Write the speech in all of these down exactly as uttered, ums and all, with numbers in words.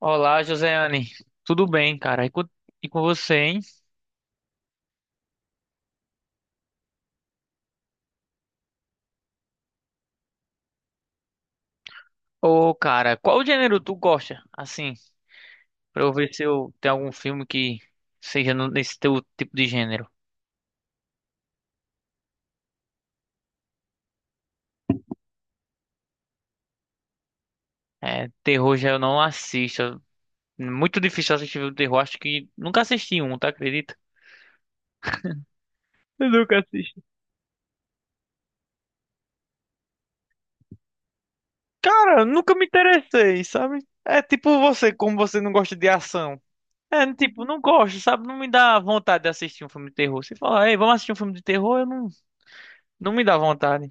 Olá, Joseane. Tudo bem, cara? E com, e com você, hein? Ô, cara, qual gênero tu gosta? Assim, pra eu ver se eu tenho algum filme que seja no- nesse teu tipo de gênero. É, terror já eu não assisto. É muito difícil assistir filme de terror. Acho que nunca assisti um, tá? Acredita? Eu nunca assisti. Cara, nunca me interessei, sabe? É tipo você, como você não gosta de ação. É, tipo, não gosto, sabe? Não me dá vontade de assistir um filme de terror. Se falar, ei, vamos assistir um filme de terror, eu não, não me dá vontade.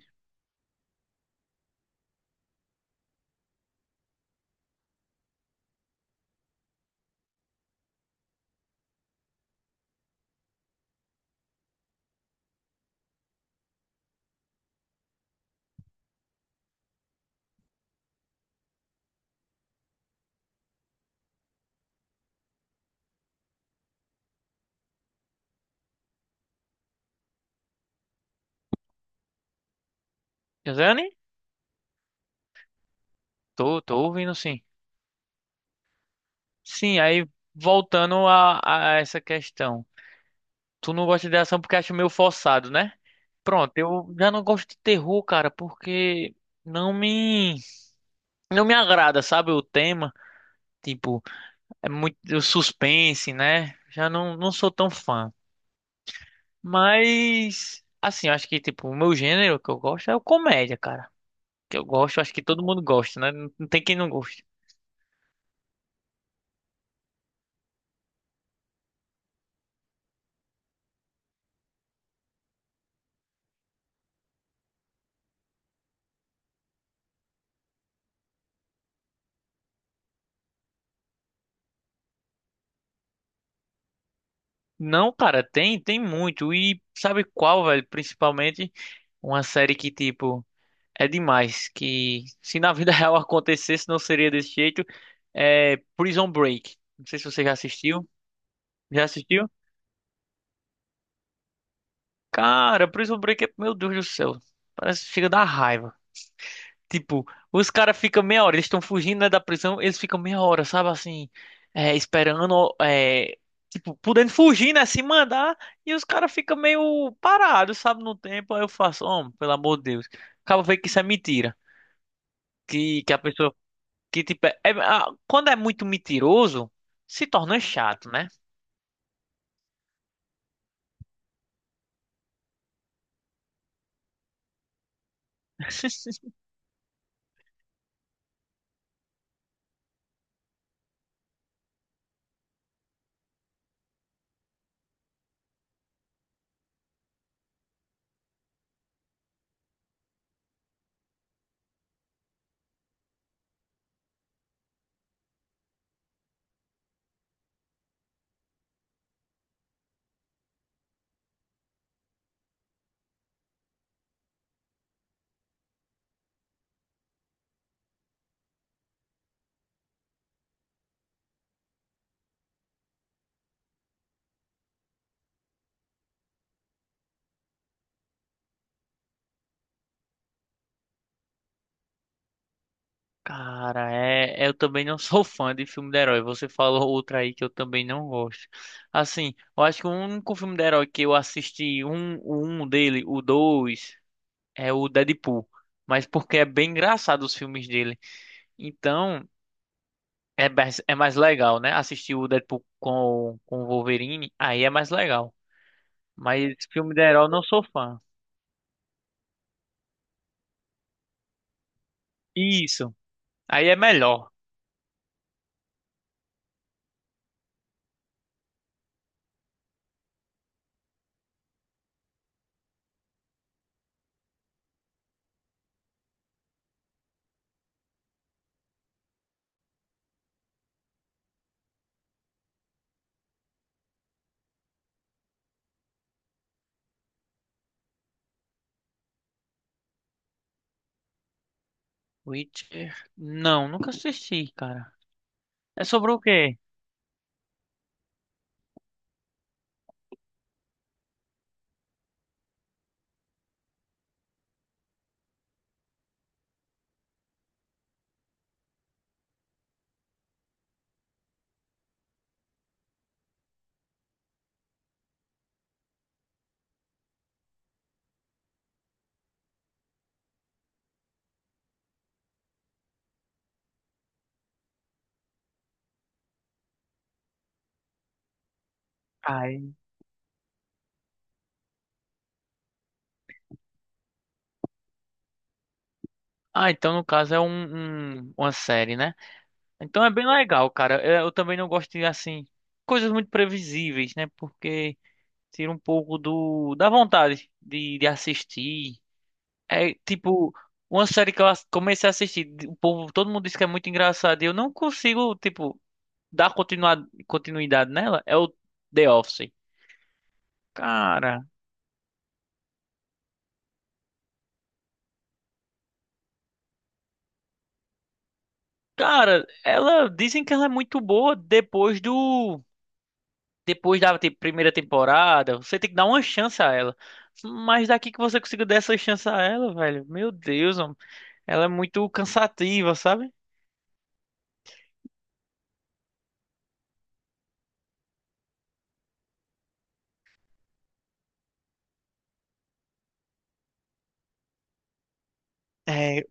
Josiane. Tô, tô ouvindo sim. Sim, aí voltando a, a essa questão. Tu não gosta de ação porque acha meio forçado, né? Pronto, eu já não gosto de terror, cara, porque não me não me agrada, sabe, o tema, tipo, é muito o suspense, né? Já não não sou tão fã. Mas assim, eu acho que tipo, o meu gênero que eu gosto é o comédia, cara. Que eu gosto, eu acho que todo mundo gosta, né? Não não tem quem não goste. Não, cara, tem, tem muito. E sabe qual, velho, principalmente uma série que, tipo, é demais. Que se na vida real acontecesse, não seria desse jeito. É Prison Break. Não sei se você já assistiu. Já assistiu? Cara, Prison Break é. Meu Deus do céu. Parece que chega da raiva. Tipo, os caras ficam meia hora. Eles estão fugindo, né, da prisão. Eles ficam meia hora, sabe assim? É, esperando. É, tipo, podendo fugir, né? Se mandar. E os caras ficam meio parados, sabe? No tempo. Aí eu faço, homem, pelo amor de Deus. Acaba vendo que isso é mentira que, que a pessoa. Que tipo, é- é- ah, quando é muito mentiroso, se torna chato, né? Cara, é, é, eu também não sou fã de filme de herói. Você falou outra aí que eu também não gosto. Assim, eu acho que o único filme de herói que eu assisti, um, o um dele, o dois, é o Deadpool. Mas porque é bem engraçado os filmes dele. Então, é mais, é mais legal, né? Assistir o Deadpool com, com o Wolverine, aí é mais legal. Mas filme de herói eu não sou fã. Isso, aí é melhor. Witcher? Não, nunca assisti, cara. É sobre o quê? Ai. Ah, então no caso é um, um- uma série, né? Então é bem legal, cara. Eu, eu também não gosto de, assim, coisas muito previsíveis, né? Porque tira um pouco do, da vontade de, de assistir. É tipo, uma série que eu ass- comecei a assistir, o povo, todo mundo diz que é muito engraçado e eu não consigo, tipo, dar continua- continuidade nela. É o The Office. Cara. Cara, ela dizem que ela é muito boa depois do depois da te- primeira temporada. Você tem que dar uma chance a ela. Mas daqui que você consiga dar essa chance a ela, velho. Meu Deus, homem. Ela é muito cansativa, sabe? É,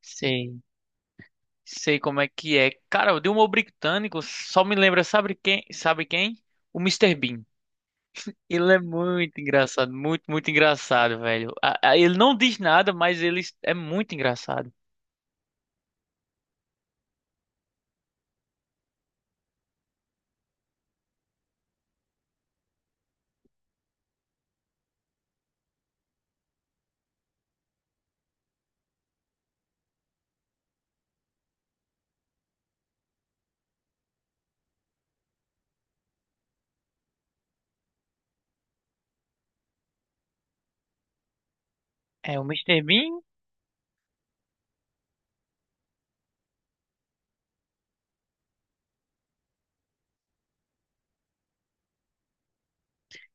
sei, sei como é que é. Cara, o Dilma Britânico só me lembra, sabe quem? Sabe quem? O Mister Bean. Ele é muito engraçado, muito, muito engraçado, velho. A- a- Ele não diz nada, mas ele é muito engraçado. É, o Mister Bean.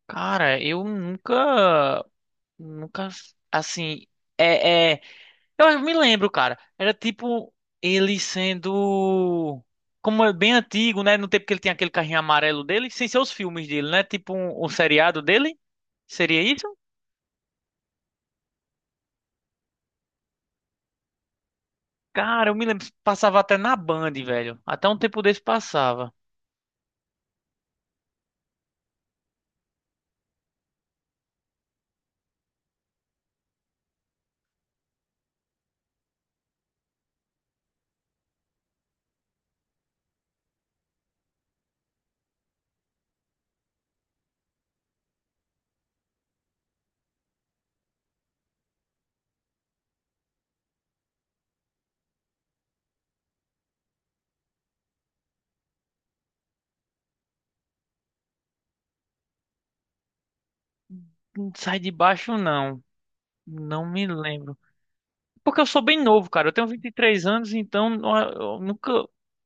Cara, eu nunca, nunca, assim, é, é, eu me lembro, cara, era tipo ele sendo, como é bem antigo, né, no tempo que ele tinha aquele carrinho amarelo dele, sem ser os filmes dele, né, tipo um, um seriado dele, seria isso? Cara, eu me lembro, passava até na Band, velho, até um tempo desse passava, não sai de baixo não, não me lembro, porque eu sou bem novo, cara, eu tenho vinte e três anos, então eu eu nunca,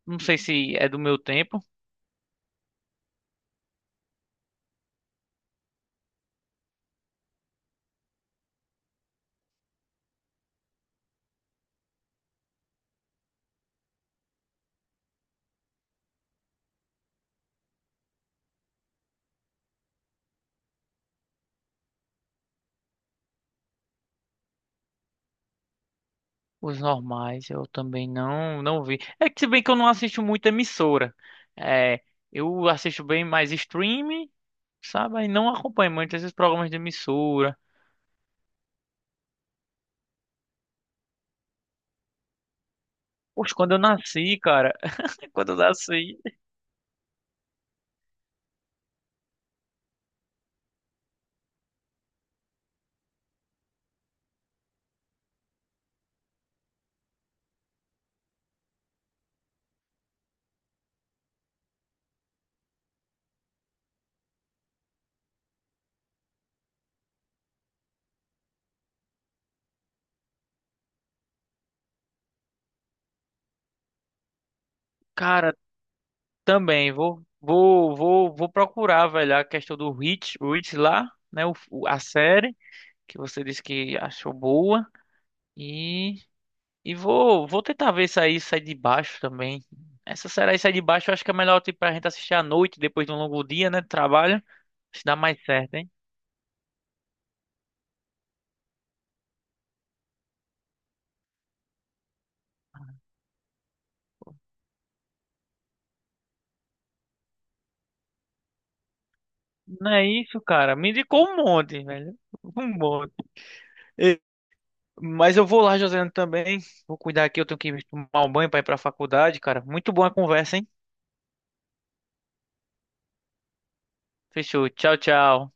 não sei se é do meu tempo. Os normais, eu também não não vi. É que se bem que eu não assisto muita emissora. É, eu assisto bem mais stream, sabe? E não acompanho muito esses programas de emissora. Poxa, quando eu nasci, cara, quando eu nasci, cara, também vou vou vou vou procurar, velho, a questão do Rich, Rich lá, né, o, o- a série que você disse que achou boa e E vou, vou tentar ver isso aí, sai de baixo também. Essa série aí sai de baixo, eu acho que é melhor tipo, pra gente assistir à noite, depois de um longo dia, né? De trabalho. Se dá mais certo, hein? Não é isso, cara. Me indicou um monte, velho. Um monte. E- mas eu vou lá, Josiane, também. Vou cuidar aqui, eu tenho que tomar um banho pra ir pra faculdade, cara. Muito boa a conversa, hein? Fechou. Tchau, tchau.